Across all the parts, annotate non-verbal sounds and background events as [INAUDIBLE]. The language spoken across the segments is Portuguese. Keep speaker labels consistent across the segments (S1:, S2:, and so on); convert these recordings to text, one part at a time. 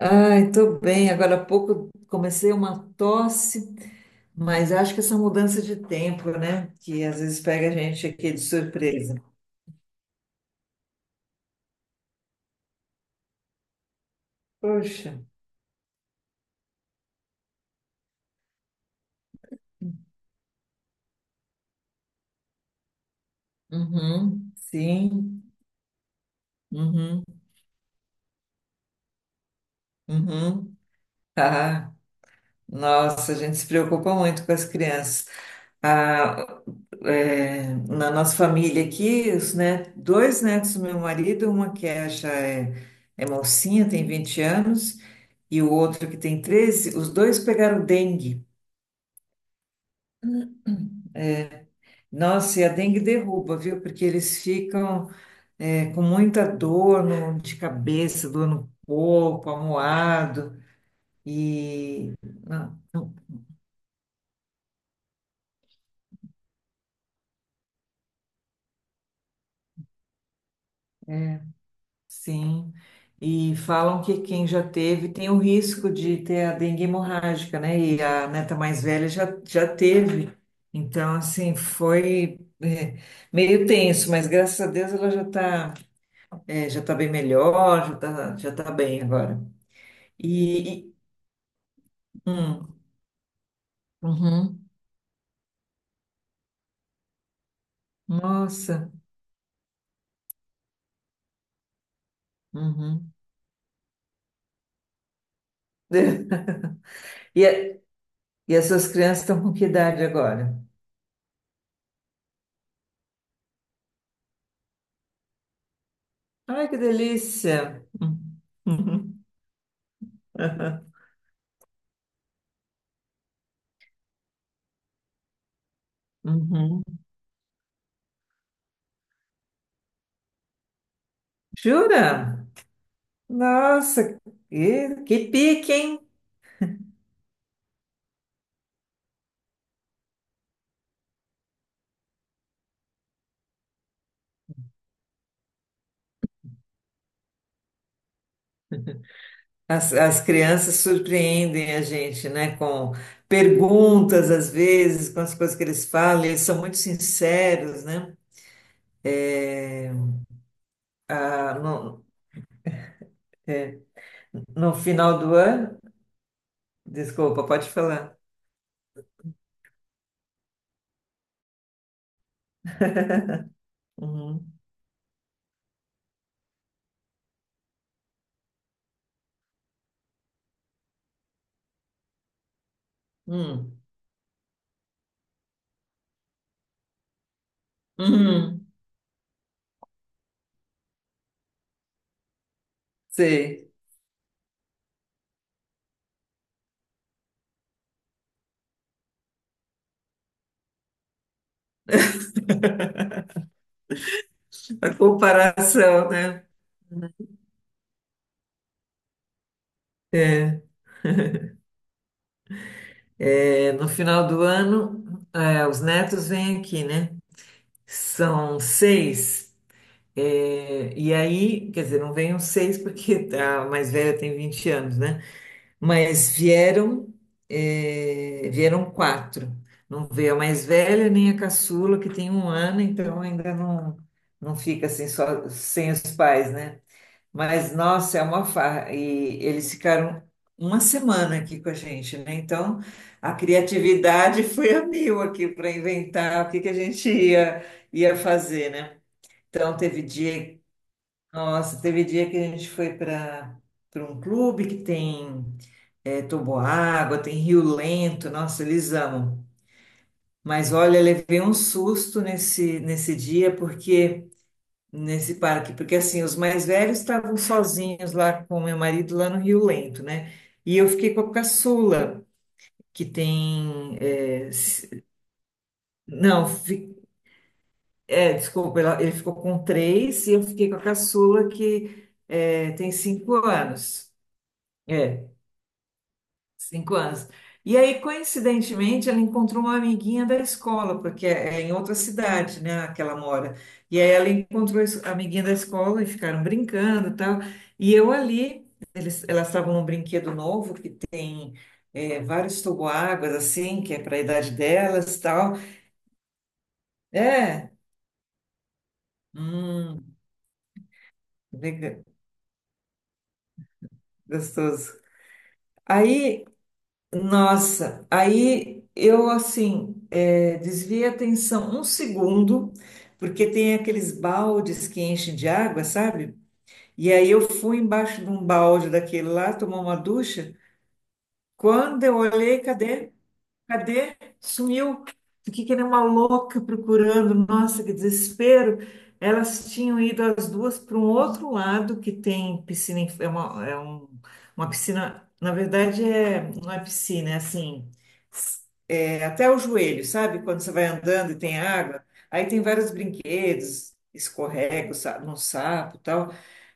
S1: Ai, tô bem. Agora há pouco comecei uma tosse, mas acho que essa mudança de tempo, né? Que às vezes pega a gente aqui de surpresa. Poxa. Uhum, sim. Uhum, uhum. Ah, nossa, a gente se preocupa muito com as crianças. Ah, é, na nossa família aqui, dois netos do meu marido, uma que é, já é mocinha, tem 20 anos, e o outro que tem 13, os dois pegaram dengue. Nossa, e a dengue derruba, viu? Porque eles ficam com muita dor no- de cabeça, dor no corpo, amuado. E não, não. é, Sim, e falam que quem já teve tem o risco de ter a dengue hemorrágica, né? E a neta mais velha já teve. Então, assim, foi meio tenso, mas graças a Deus ela já tá bem melhor, já tá bem agora. E, e- hum, uhum. Nossa. Uhum. [LAUGHS] E, a- e as suas crianças estão com que idade agora? Ai, que delícia. Uhum. [LAUGHS] Uhum. Jura? Nossa, que pique, hein? As crianças surpreendem a gente, né? Com perguntas, às vezes, com as coisas que eles falam, eles são muito sinceros, né? Ah, no final do ano. Desculpa, pode falar. Uhum. Hum. Uhum. Sei. A comparação, né? É, no final do ano, os netos vêm aqui, né? São seis. E aí, quer dizer, não vêm os seis porque a mais velha tem 20 anos, né? Mas vieram quatro. Não veio a mais velha nem a caçula, que tem 1 ano, então ainda não, não fica assim só sem os pais, né? Mas, nossa, é uma farra. E eles ficaram uma semana aqui com a gente, né? Então, a criatividade foi a mil aqui para inventar o que que a gente ia fazer, né? Então, teve dia, nossa, teve dia que a gente foi para um clube que tem toboágua, tem rio lento, nossa, eles amam. Mas olha, levei um susto nesse dia, porque nesse parque, porque assim, os mais velhos estavam sozinhos lá com meu marido lá no Rio Lento, né? E eu fiquei com a caçula, que tem, é, s- não, ele ficou com três e eu fiquei com a caçula que tem 5 anos. é 5 anos. E aí, coincidentemente, ela encontrou uma amiguinha da escola, porque é em outra cidade, né, que ela mora. E aí ela encontrou a amiguinha da escola e ficaram brincando e tal. E eu ali, elas estavam num brinquedo novo que tem vários toboáguas, assim, que é para a idade delas e tal. É, hum, legal, gostoso. Aí Nossa, aí eu assim desviei a atenção um segundo, porque tem aqueles baldes que enchem de água, sabe? E aí eu fui embaixo de um balde daquele lá, tomar uma ducha. Quando eu olhei, cadê? Cadê? Sumiu. Fiquei que nem uma louca procurando. Nossa, que desespero. Elas tinham ido as duas para um outro lado que tem piscina, uma piscina, na verdade não é piscina, é assim, s- é até o joelho, sabe? Quando você vai andando e tem água, aí tem vários brinquedos, escorrega no sapo e tal.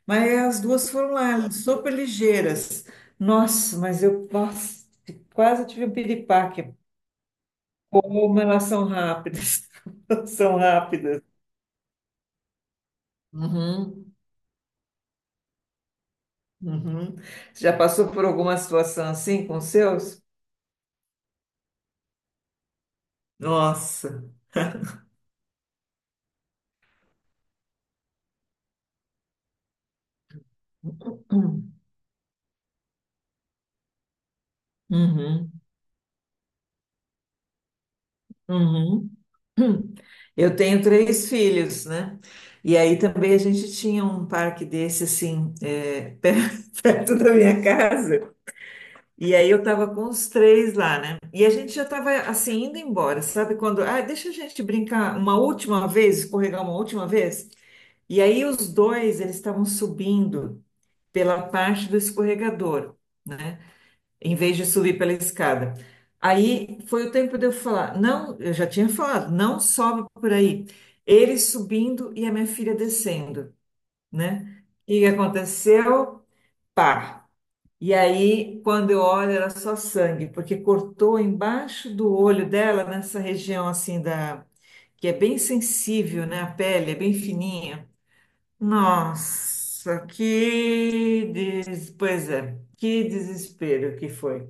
S1: Mas as duas foram lá, super ligeiras. Nossa, mas eu, nossa, quase tive um piripaque. Como elas são rápidas, [LAUGHS] elas são rápidas. Uhum, uhum. Você já passou por alguma situação assim com os seus? Nossa. Hum, Uhum, uhum, hum. Eu tenho três filhos, né? E aí também a gente tinha um parque desse assim, [LAUGHS] perto da minha casa. E aí eu tava com os três lá, né? E a gente já tava assim indo embora, sabe? Quando, ah, deixa a gente brincar uma última vez, escorregar uma última vez. E aí os dois, eles estavam subindo pela parte do escorregador, né? Em vez de subir pela escada. Aí foi o tempo de eu falar, não, eu já tinha falado, não sobe por aí. Ele subindo e a minha filha descendo, né? E o que aconteceu? Pá! E aí, quando eu olho, era só sangue, porque cortou embaixo do olho dela, nessa região assim da... que é bem sensível, né? A pele é bem fininha. Nossa, pois é, que desespero que foi.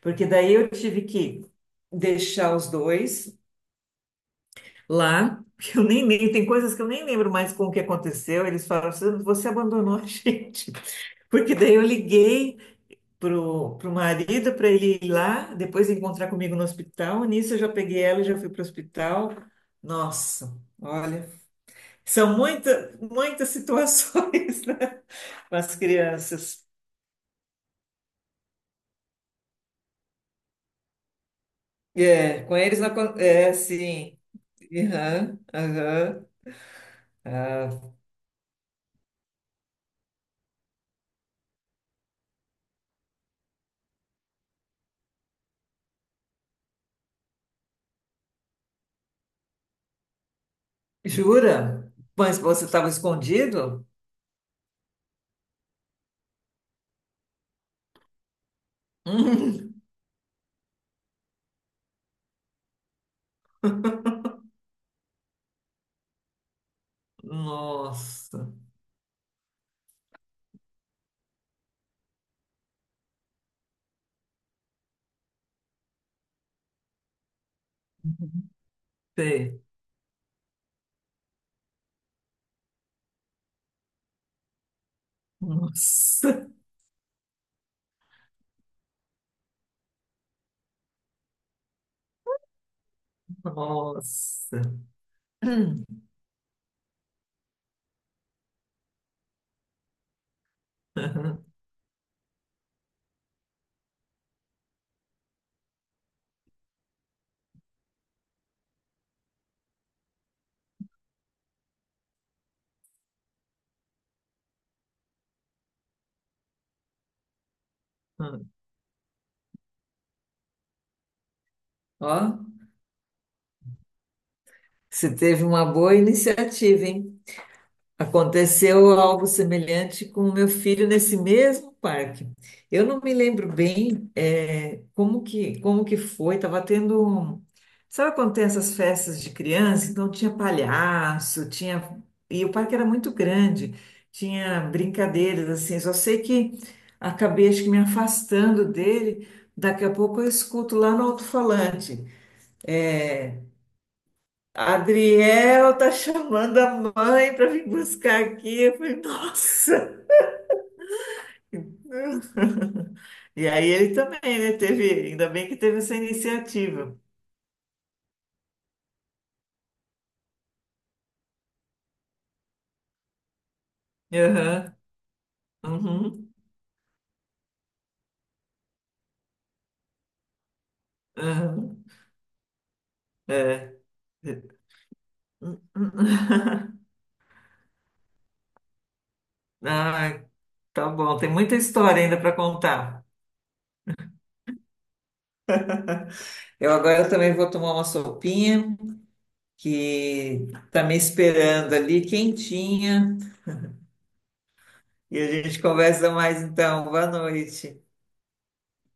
S1: Porque daí eu tive que deixar os dois lá, que eu nem lembro, tem coisas que eu nem lembro mais com o que aconteceu. Eles falaram assim, você abandonou a [LAUGHS] gente. Porque daí eu liguei pro marido para ele ir lá, depois encontrar comigo no hospital. Nisso eu já peguei ela e já fui pro hospital. Nossa, olha, são muitas situações, [LAUGHS] né? Com as crianças. É, com eles não... É, sim. Aham, aham. Ah, jura? Mas você estava escondido? [LAUGHS] Hum, nossa. Sei. Nossa. Nossa. Hum, aham, hum. Ó, você teve uma boa iniciativa, hein? Aconteceu algo semelhante com o meu filho nesse mesmo parque. Eu não me lembro bem como que foi. Estava tendo um... Sabe quando tem essas festas de criança? Então tinha palhaço, tinha... E o parque era muito grande. Tinha brincadeiras, assim. Só sei que acabei, acho que me afastando dele. Daqui a pouco eu escuto lá no alto-falante. É, Adriel tá chamando a mãe para vir buscar aqui. Eu falei, nossa! [LAUGHS] E aí ele também, né? Teve, ainda bem que teve essa iniciativa. Aham, uhum, aham, é. [LAUGHS] Ah, tá bom, tem muita história ainda para contar. Eu agora também vou tomar uma sopinha que tá me esperando ali, quentinha. E a gente conversa mais então. Boa noite.